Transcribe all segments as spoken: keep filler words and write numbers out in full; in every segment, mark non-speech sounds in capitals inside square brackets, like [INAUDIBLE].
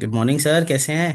Good morning sir, कैसे हैं।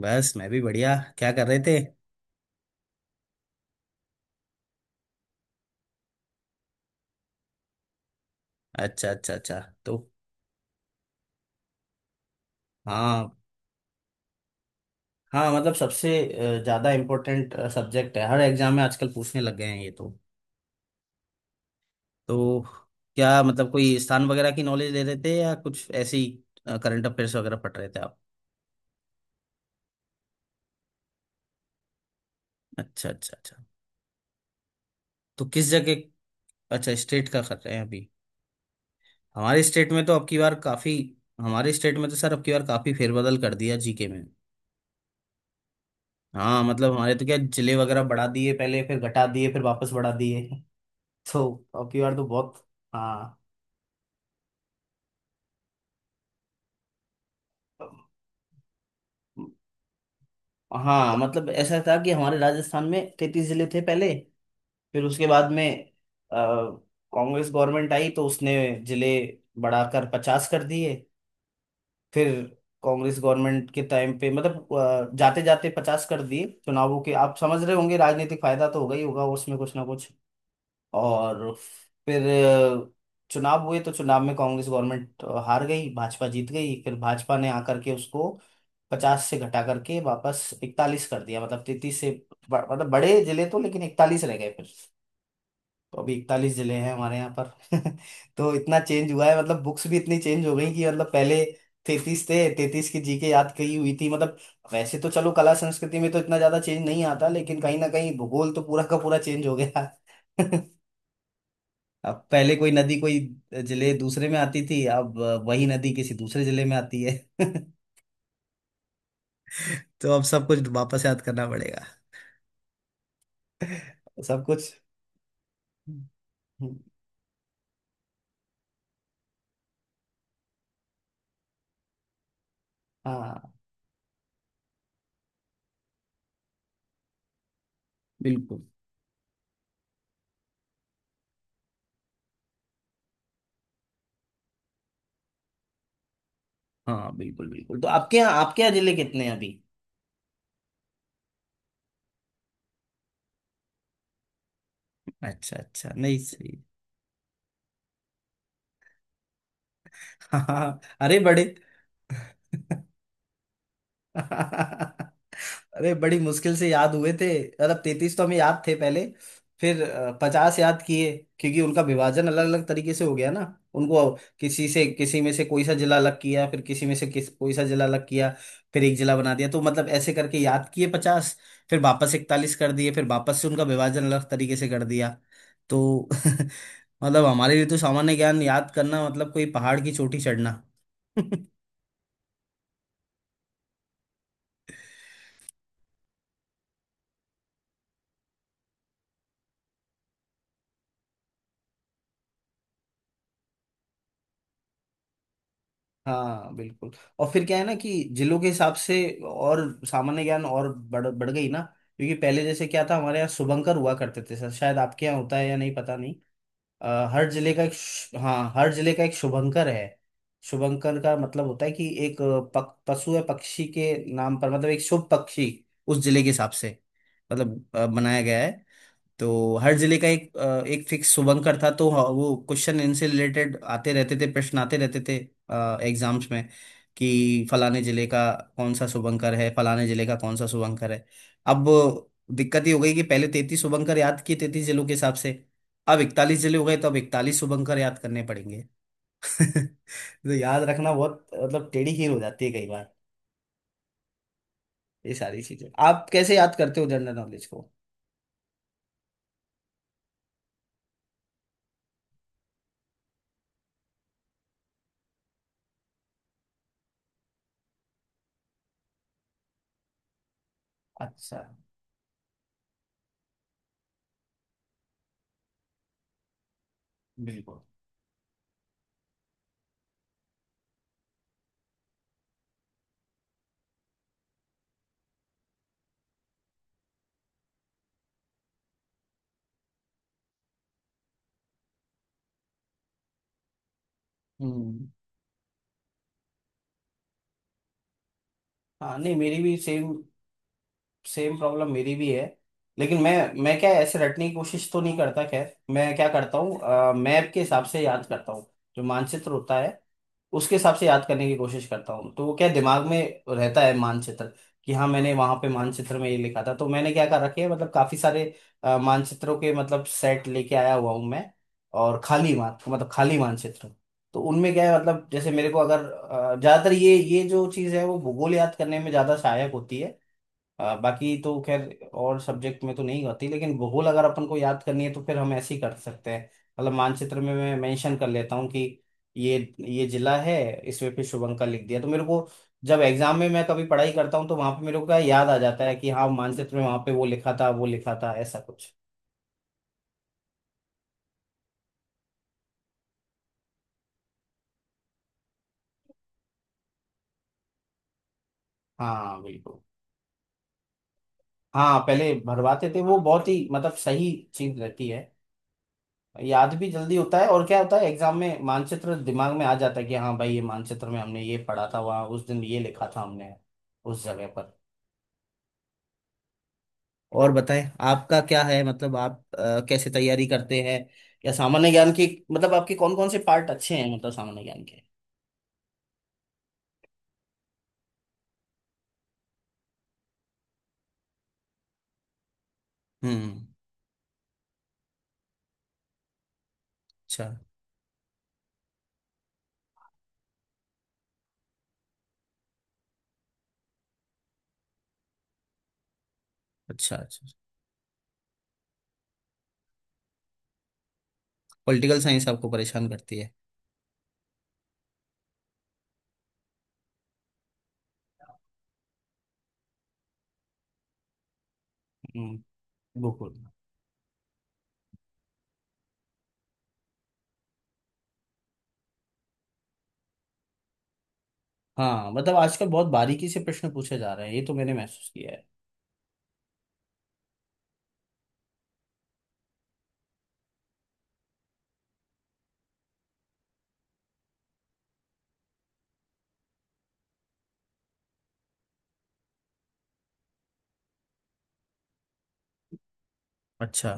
बस, मैं भी बढ़िया। क्या कर रहे थे। अच्छा, अच्छा, अच्छा। तो। हाँ, हाँ, मतलब सबसे अ, ज़्यादा इम्पोर्टेंट सब्जेक्ट है हर एग्जाम में। आजकल पूछने लग गए हैं ये तो। तो क्या मतलब कोई स्थान वगैरह की नॉलेज ले रहे थे, या कुछ ऐसी करंट अफेयर्स वगैरह पढ़ रहे थे आप। अच्छा, अच्छा, अच्छा। तो किस जगह। अच्छा, स्टेट का कर रहे हैं अभी। हमारे स्टेट में तो अब की बार काफ़ी हमारे स्टेट में तो सर अब की बार काफ़ी फेरबदल कर दिया जीके में। हाँ, मतलब हमारे तो क्या, जिले वगैरह बढ़ा दिए पहले, फिर घटा दिए, फिर वापस बढ़ा दिए। [LAUGHS] तो अब की बार तो बहुत। हाँ। हाँ, मतलब ऐसा था कि हमारे राजस्थान में तैतीस जिले थे पहले। फिर उसके बाद में अ, कांग्रेस गवर्नमेंट आई तो उसने जिले बढ़ाकर पचास कर दिए। फिर कांग्रेस गवर्नमेंट के टाइम पे मतलब जाते जाते पचास कर दिए चुनावों के। आप समझ रहे होंगे, राजनीतिक फायदा तो होगा ही होगा उसमें कुछ ना कुछ। और फिर अ, चुनाव हुए, तो चुनाव में कांग्रेस गवर्नमेंट अ, हार गई, भाजपा जीत गई। फिर भाजपा ने आकर के उसको पचास से घटा करके वापस इकतालीस कर दिया, मतलब तैतीस से ब- मतलब बड़े जिले तो, लेकिन इकतालीस रह गए फिर। तो अभी इकतालीस जिले हैं हमारे यहाँ पर। [LAUGHS] तो इतना चेंज हुआ है, मतलब बुक्स भी इतनी चेंज हो गई कि मतलब पहले तैतीस थे, तैतीस की जीके याद कही हुई थी मतलब। वैसे तो चलो, कला संस्कृति में तो इतना ज्यादा चेंज नहीं आता, लेकिन कहीं ना कहीं भूगोल तो पूरा का पूरा चेंज हो गया। [LAUGHS] अब पहले कोई नदी कोई जिले दूसरे में आती थी, अब वही नदी किसी दूसरे जिले में आती है। [LAUGHS] तो अब सब कुछ वापस याद करना पड़ेगा। सब कुछ। हाँ, बिल्कुल। हाँ, बिल्कुल, बिल्कुल। तो आपके यहाँ, आपके यहाँ जिले कितने हैं अभी। अच्छा, अच्छा। नहीं, सही। [LAUGHS] हाँ, हाँ, अरे बड़े। [LAUGHS] अरे, बड़ी मुश्किल से याद हुए थे। मतलब तैतीस तो हमें याद थे पहले। फिर पचास याद किए। क्योंकि उनका विभाजन अलग अलग तरीके से हो गया ना। उनको किसी से किसी में से कोई सा जिला अलग किया, फिर किसी में से किस कोई सा जिला अलग किया। फिर एक जिला बना दिया, तो मतलब ऐसे करके याद किए पचास। फिर वापस इकतालीस कर दिए, फिर वापस से उनका विभाजन अलग तरीके से कर दिया। तो [LAUGHS] मतलब हमारे लिए तो सामान्य ज्ञान याद करना मतलब कोई पहाड़ की चोटी चढ़ना। [LAUGHS] हाँ, बिल्कुल। और फिर क्या है ना कि जिलों के हिसाब से, और सामान्य ज्ञान और बढ़ बढ़ गई ना। क्योंकि पहले जैसे क्या था, हमारे यहाँ शुभंकर हुआ करते थे सर। शायद आपके यहाँ होता है या नहीं, पता नहीं। अ, हर जिले का एक शु- हाँ, हर जिले का एक शुभंकर है। शुभंकर का मतलब होता है कि एक पक, पशु या पक्षी के नाम पर, मतलब एक शुभ पक्षी उस जिले के हिसाब से, मतलब अ, बनाया गया है। तो हर जिले का एक अ, एक फिक्स शुभंकर था, तो ह- वो क्वेश्चन इनसे रिलेटेड आते रहते थे, प्रश्न आते रहते थे एग्जाम्स में। कि फलाने जिले का कौन सा शुभंकर है, फलाने जिले का कौन सा शुभंकर है। अब दिक्कत ये हो गई कि पहले तैतीस शुभंकर याद किए तैतीस जिलों के हिसाब से। अब इकतालीस जिले हो गए, तो अब इकतालीस शुभंकर याद करने पड़ेंगे। [LAUGHS] तो याद रखना बहुत, मतलब टेढ़ी खीर हो जाती है कई बार। ये सारी चीजें आप कैसे याद करते हो, जनरल नॉलेज को। अच्छा। बिल्कुल। हम्म। हाँ, नहीं, मेरी भी सेम सेम प्रॉब्लम मेरी भी है। लेकिन मैं मैं क्या ऐसे रटने की कोशिश तो नहीं करता। खैर, मैं क्या करता हूँ, मैप के हिसाब से याद करता हूँ। जो मानचित्र होता है, उसके हिसाब से याद करने की कोशिश करता हूँ। तो वो क्या दिमाग में रहता है, मानचित्र। कि हाँ, मैंने वहां पे मानचित्र में ये लिखा था। तो मैंने क्या कर रखे है, मतलब काफी सारे अ, मानचित्रों के मतलब सेट लेके आया हुआ हूँ मैं। और खाली मान मतलब खाली मानचित्र। तो उनमें क्या है, मतलब जैसे मेरे को अगर अ, ज्यादातर ये ये जो चीज है वो भूगोल याद करने में ज्यादा सहायक होती है। अ, बाकी तो खैर, और सब्जेक्ट में तो नहीं होती, लेकिन भूगोल अगर अपन को याद करनी है तो फिर हम ऐसे ही कर सकते हैं। मतलब मानचित्र में मैं मेंशन कर लेता हूँ कि ये ये जिला है, इसमें फिर शुभंकर लिख दिया, तो मेरे को जब एग्जाम में मैं कभी पढ़ाई करता हूँ तो वहां पे मेरे को क्या याद आ जाता है कि हाँ, मानचित्र में वहां पे वो लिखा था, वो लिखा था, ऐसा कुछ। हाँ, बिल्कुल। हाँ, पहले भरवाते थे, वो बहुत ही मतलब सही चीज रहती है। याद भी जल्दी होता है, और क्या होता है, एग्जाम में मानचित्र दिमाग में आ जाता है कि हाँ भाई, ये मानचित्र में हमने ये पढ़ा था, वहाँ उस दिन ये लिखा था हमने उस जगह पर। और बताएं, आपका क्या है, मतलब आप अ, कैसे तैयारी करते हैं, या सामान्य ज्ञान की, मतलब आपके कौन कौन से पार्ट अच्छे हैं मतलब सामान्य ज्ञान के। हम्म। अच्छा, अच्छा, अच्छा। पॉलिटिकल साइंस आपको परेशान करती है। हम्म, बिल्कुल। हाँ, मतलब आजकल बहुत बारीकी से प्रश्न पूछे जा रहे हैं, ये तो मैंने महसूस किया है। अच्छा।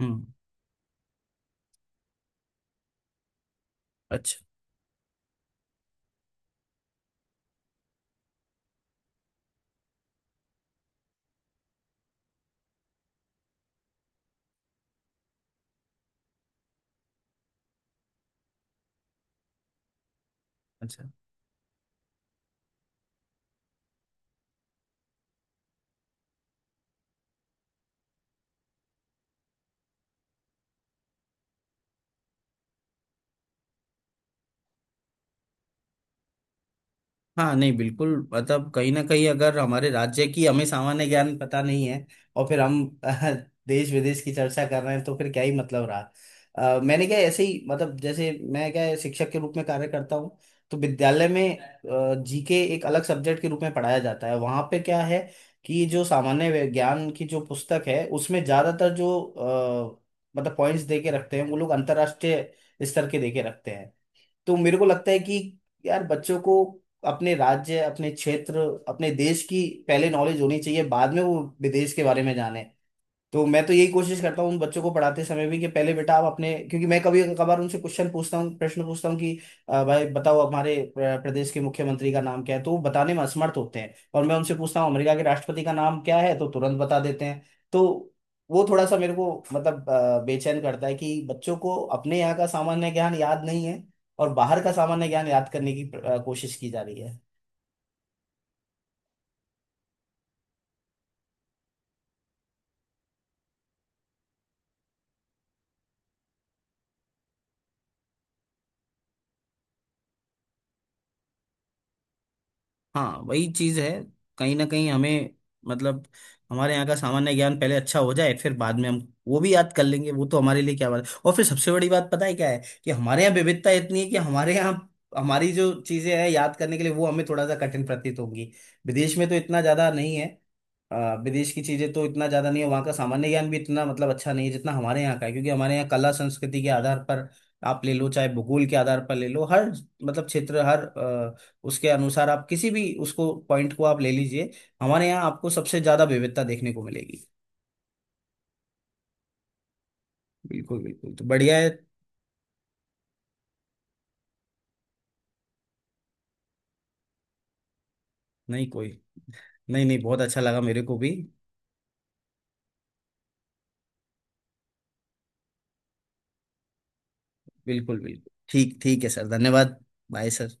हम्म। अच्छा, अच्छा। हाँ, नहीं, बिल्कुल, मतलब कहीं ना कहीं अगर हमारे राज्य की हमें सामान्य ज्ञान पता नहीं है, और फिर हम [LAUGHS] देश विदेश की चर्चा कर रहे हैं, तो फिर क्या ही मतलब रहा। अ, मैंने क्या ऐसे ही मतलब जैसे मैं क्या है, शिक्षक के रूप में कार्य करता हूँ। तो विद्यालय में जीके एक अलग सब्जेक्ट के रूप में पढ़ाया जाता है, वहाँ पे क्या है कि जो सामान्य वे- ज्ञान की जो पुस्तक है, उसमें ज्यादातर जो अ, मतलब पॉइंट्स दे के रखते हैं वो लोग, अंतर्राष्ट्रीय स्तर के दे के रखते हैं। तो मेरे को लगता है कि यार बच्चों को अपने राज्य, अपने क्षेत्र, अपने देश की पहले नॉलेज होनी चाहिए, बाद में वो विदेश के बारे में जाने। तो मैं तो यही कोशिश करता हूँ उन बच्चों को पढ़ाते समय भी कि पहले बेटा आप अपने, क्योंकि मैं कभी कभार उनसे क्वेश्चन पूछता हूँ, प्रश्न पूछता हूँ कि "अ, भाई बताओ हमारे प्र- प्रदेश के मुख्यमंत्री का नाम क्या है", तो वो बताने में असमर्थ होते हैं। और मैं उनसे पूछता हूँ अमेरिका के राष्ट्रपति का नाम क्या है, तो तुरंत बता देते हैं। तो वो थोड़ा सा मेरे को मतलब अ, बेचैन करता है कि बच्चों को अपने यहाँ का सामान्य ज्ञान याद नहीं है, और बाहर का सामान्य ज्ञान याद करने की अ, कोशिश की जा रही है। हाँ, वही चीज है, कहीं ना कहीं हमें, मतलब हमारे यहाँ का सामान्य ज्ञान पहले अच्छा हो जाए, फिर बाद में हम वो भी याद कर लेंगे, वो तो हमारे लिए क्या बात है। और फिर सबसे बड़ी बात पता है क्या है, कि हमारे यहाँ विविधता इतनी है कि हमारे यहाँ, हमारी जो चीजें हैं याद करने के लिए वो हमें थोड़ा सा कठिन प्रतीत होंगी। विदेश में तो इतना ज्यादा नहीं है। अ, विदेश की चीजें तो इतना ज्यादा नहीं है, वहाँ का सामान्य ज्ञान भी इतना मतलब अच्छा नहीं है जितना हमारे यहाँ का है। क्योंकि हमारे यहाँ कला संस्कृति के आधार पर आप ले लो, चाहे भूगोल के आधार पर ले लो, हर मतलब क्षेत्र, हर उसके अनुसार आप किसी भी उसको पॉइंट को आप ले लीजिए, हमारे यहाँ आपको सबसे ज्यादा विविधता देखने को मिलेगी। बिल्कुल, बिल्कुल। तो बढ़िया है। नहीं कोई, नहीं, नहीं, बहुत अच्छा लगा मेरे को भी। बिल्कुल, बिल्कुल। ठीक ठीक है सर, धन्यवाद। Bye sir.